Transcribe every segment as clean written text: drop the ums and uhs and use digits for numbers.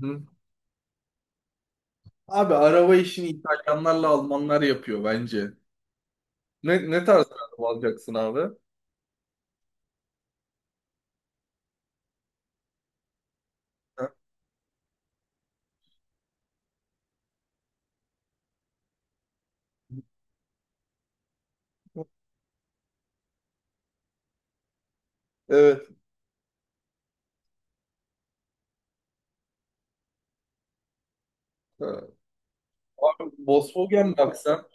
Hı. Abi araba işini İtalyanlarla Almanlar yapıyor bence. Ne tarz bir araba alacaksın abi? Ha? Evet. Ha. Abi Volkswagen baksan.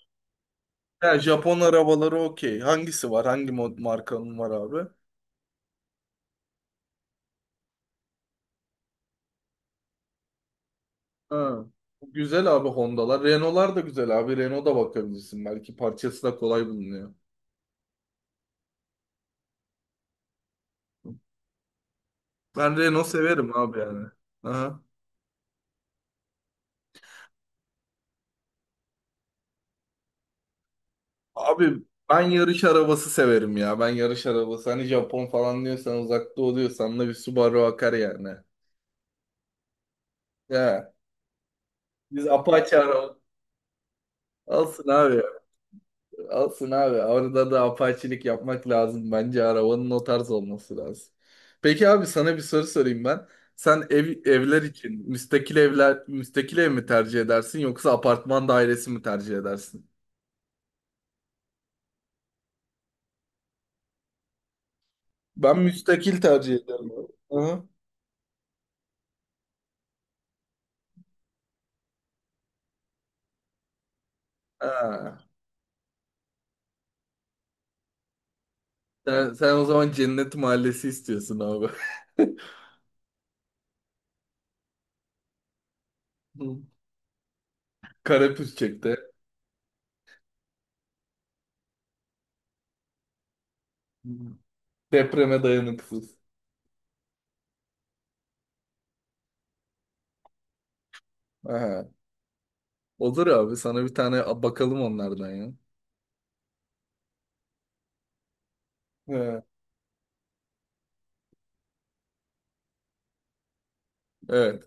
Ha, Japon arabaları okey. Hangisi var? Hangi markanın var abi? Ha. Güzel abi Honda'lar. Renault'lar da güzel abi. Renault'a bakabilirsin. Belki parçası da kolay bulunuyor. Ben Renault severim abi yani. Aha. Abi ben yarış arabası severim ya. Ben yarış arabası. Hani Japon falan diyorsan uzakta oluyorsan da bir Subaru akar yani. Ya biz Apache araba. Alsın abi. Alsın abi. Orada da apaçilik yapmak lazım. Bence arabanın o tarz olması lazım. Peki abi sana bir soru sorayım ben. Sen evler için müstakil ev mi tercih edersin yoksa apartman dairesi mi tercih edersin? Ben müstakil tercih ederim abi. Aha. Ha. Sen o zaman Cennet Mahallesi istiyorsun abi. Hı. Karapürçek'te. Hı. Depreme dayanıksız. Aha. Olur abi sana bir tane bakalım onlardan ya. He, evet.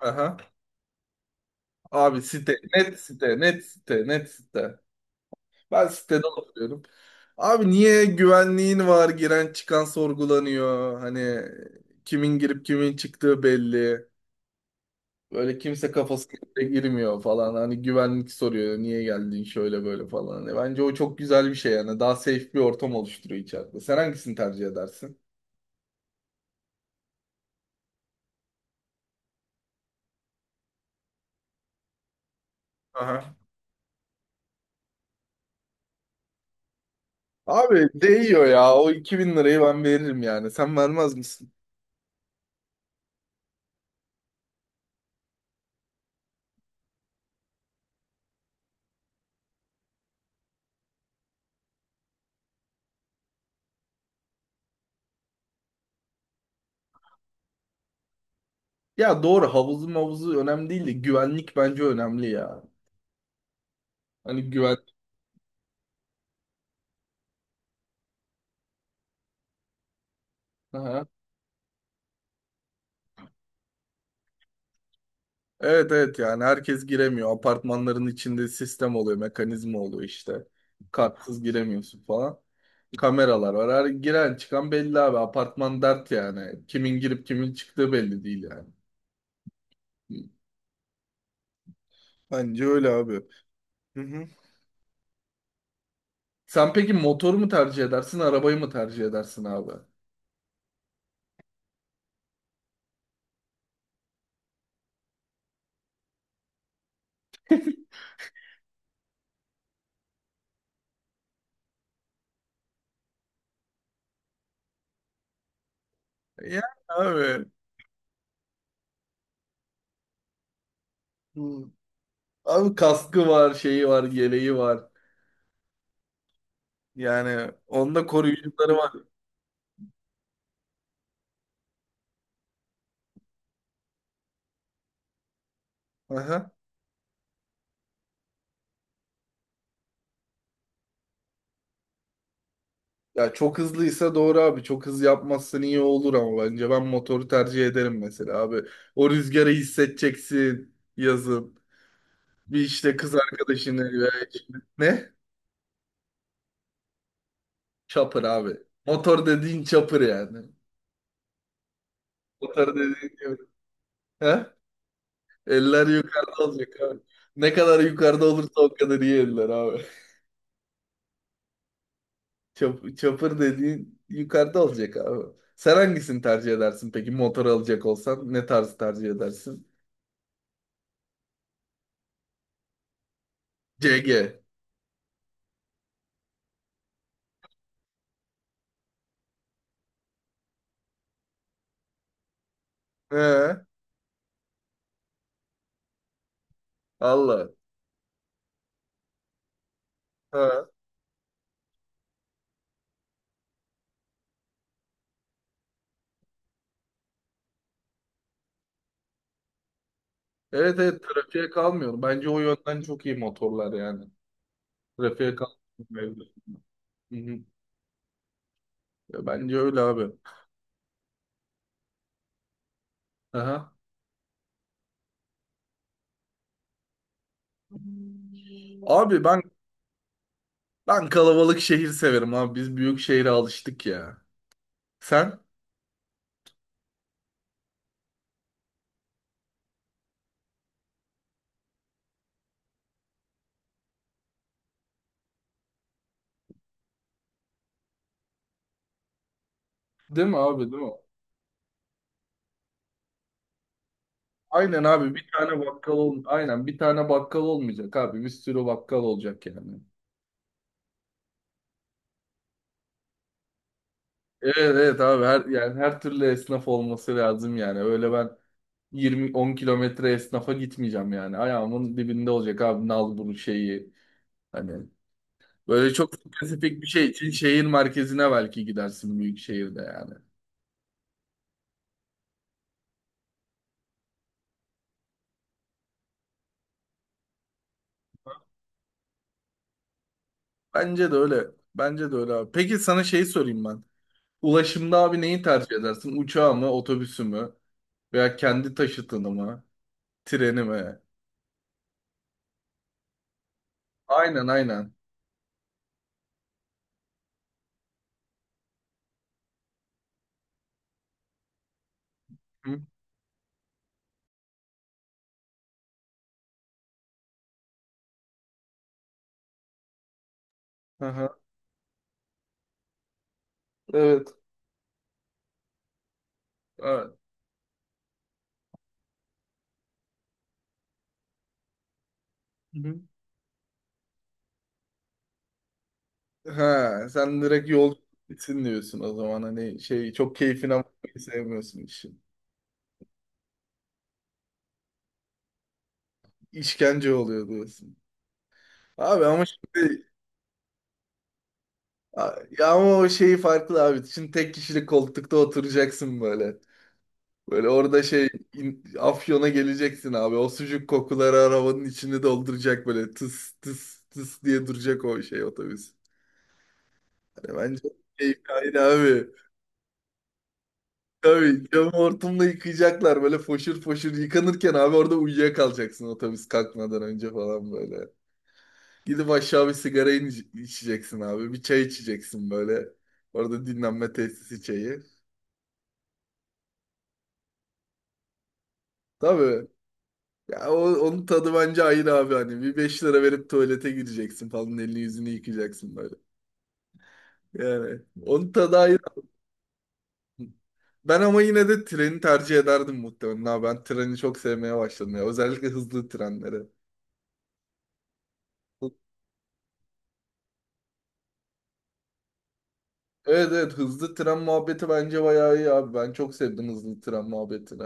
Aha. Abi site. Net site. Net site. Net site. Ben sitede oturuyorum. Abi niye güvenliğin var? Giren çıkan sorgulanıyor. Hani kimin girip kimin çıktığı belli. Böyle kimse kafasına bile girmiyor falan. Hani güvenlik soruyor niye geldin şöyle böyle falan. Hani bence o çok güzel bir şey yani. Daha safe bir ortam oluşturuyor içeride. Sen hangisini tercih edersin? Aha. Abi değiyor ya. O 2.000 lirayı ben veririm yani. Sen vermez misin? Ya doğru havuzu mavuzu önemli değil de güvenlik bence önemli ya. Hani güven... Aha. Evet, evet, yani herkes giremiyor. Apartmanların içinde sistem oluyor, mekanizma oluyor işte. Kartsız giremiyorsun falan. Kameralar var. Her giren çıkan belli abi. Apartman dert yani. Kimin girip kimin çıktığı belli değil yani. Bence öyle abi. Hı hı. Sen peki motoru mu tercih edersin, arabayı mı tercih edersin abi? Ya abi. bu- Abi kaskı var, şeyi var, geleği var. Yani onda koruyucuları var. Aha. Ya çok hızlıysa doğru abi. Çok hız yapmazsın iyi olur ama bence ben motoru tercih ederim mesela abi. O rüzgarı hissedeceksin yazın. Bir işte kız arkadaşını veya eşini. Ne? Çapır abi. Motor dediğin çapır yani. Motor dediğin çapır. He? Eller yukarıda olacak abi. Ne kadar yukarıda olursa o kadar iyi eller abi. Çapır dediğin yukarıda olacak abi. Sen hangisini tercih edersin peki motor alacak olsan? Ne tarzı tercih edersin? CG. He? Allah. Ha. Evet, evet, trafiğe kalmıyor. Bence o yönden çok iyi motorlar yani. Trafiğe kalmıyor. Hı hı. Ya bence öyle abi. Aha. Abi ben kalabalık şehir severim abi. Biz büyük şehre alıştık ya. Sen? Değil mi abi, değil mi? Aynen abi bir tane bakkal olmayacak abi. Bir sürü bakkal olacak yani. Evet, evet, abi her, yani, her türlü esnaf olması lazım yani. Öyle ben yirmi 10 kilometre esnafa gitmeyeceğim yani. Ayağımın dibinde olacak abi nal bunu şeyi. Hani böyle çok spesifik bir şey için şehir merkezine belki gidersin büyük şehirde yani. Bence de öyle. Bence de öyle abi. Peki sana şey sorayım ben. Ulaşımda abi neyi tercih edersin? Uçağı mı, otobüsü mü? Veya kendi taşıtını mı? Treni mi? Aynen aynen. Hı? Aha. Evet. Evet. Hı hı. Ha, sen direkt yol bitsin diyorsun o zaman hani şey çok keyfine bakmayı sevmiyorsun işin. İşkence oluyor diyorsun. Abi ama şimdi ya ama o şeyi farklı abi. Şimdi tek kişilik koltukta oturacaksın böyle. Böyle orada şey Afyon'a geleceksin abi. O sucuk kokuları arabanın içini dolduracak böyle tıs tıs tıs diye duracak o şey otobüs. Hani bence keyif kaydı abi. Tabii camı hortumla yıkayacaklar böyle foşur foşur yıkanırken abi orada uyuyakalacaksın otobüs kalkmadan önce falan böyle. Gidip aşağı bir sigara içeceksin abi. Bir çay içeceksin böyle. Orada dinlenme tesisi çayı. Tabii. Ya onun tadı bence ayrı abi hani. Bir 5 lira verip tuvalete gireceksin falan. Elini yüzünü yıkayacaksın böyle. Yani onun tadı ayrı. Ben ama yine de treni tercih ederdim muhtemelen. Ha, ben treni çok sevmeye başladım ya. Özellikle hızlı trenleri. Evet, evet, hızlı tren muhabbeti bence bayağı iyi abi. Ben çok sevdim hızlı tren muhabbetini.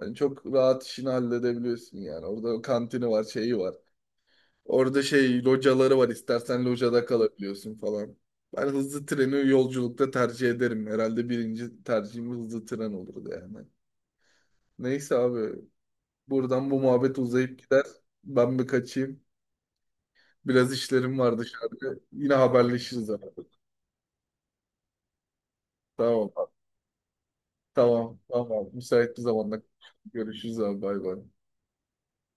Hani çok rahat işini halledebiliyorsun yani. Orada kantini var, şeyi var. Orada şey locaları var. İstersen locada kalabiliyorsun falan. Ben hızlı treni yolculukta tercih ederim. Herhalde birinci tercihim hızlı tren olurdu yani. Neyse abi buradan bu muhabbet uzayıp gider. Ben bir kaçayım. Biraz işlerim var dışarıda. Yine haberleşiriz abi. Tamam. Tamam. Tamam. Müsait bir zamanda görüşürüz abi. Bay bay.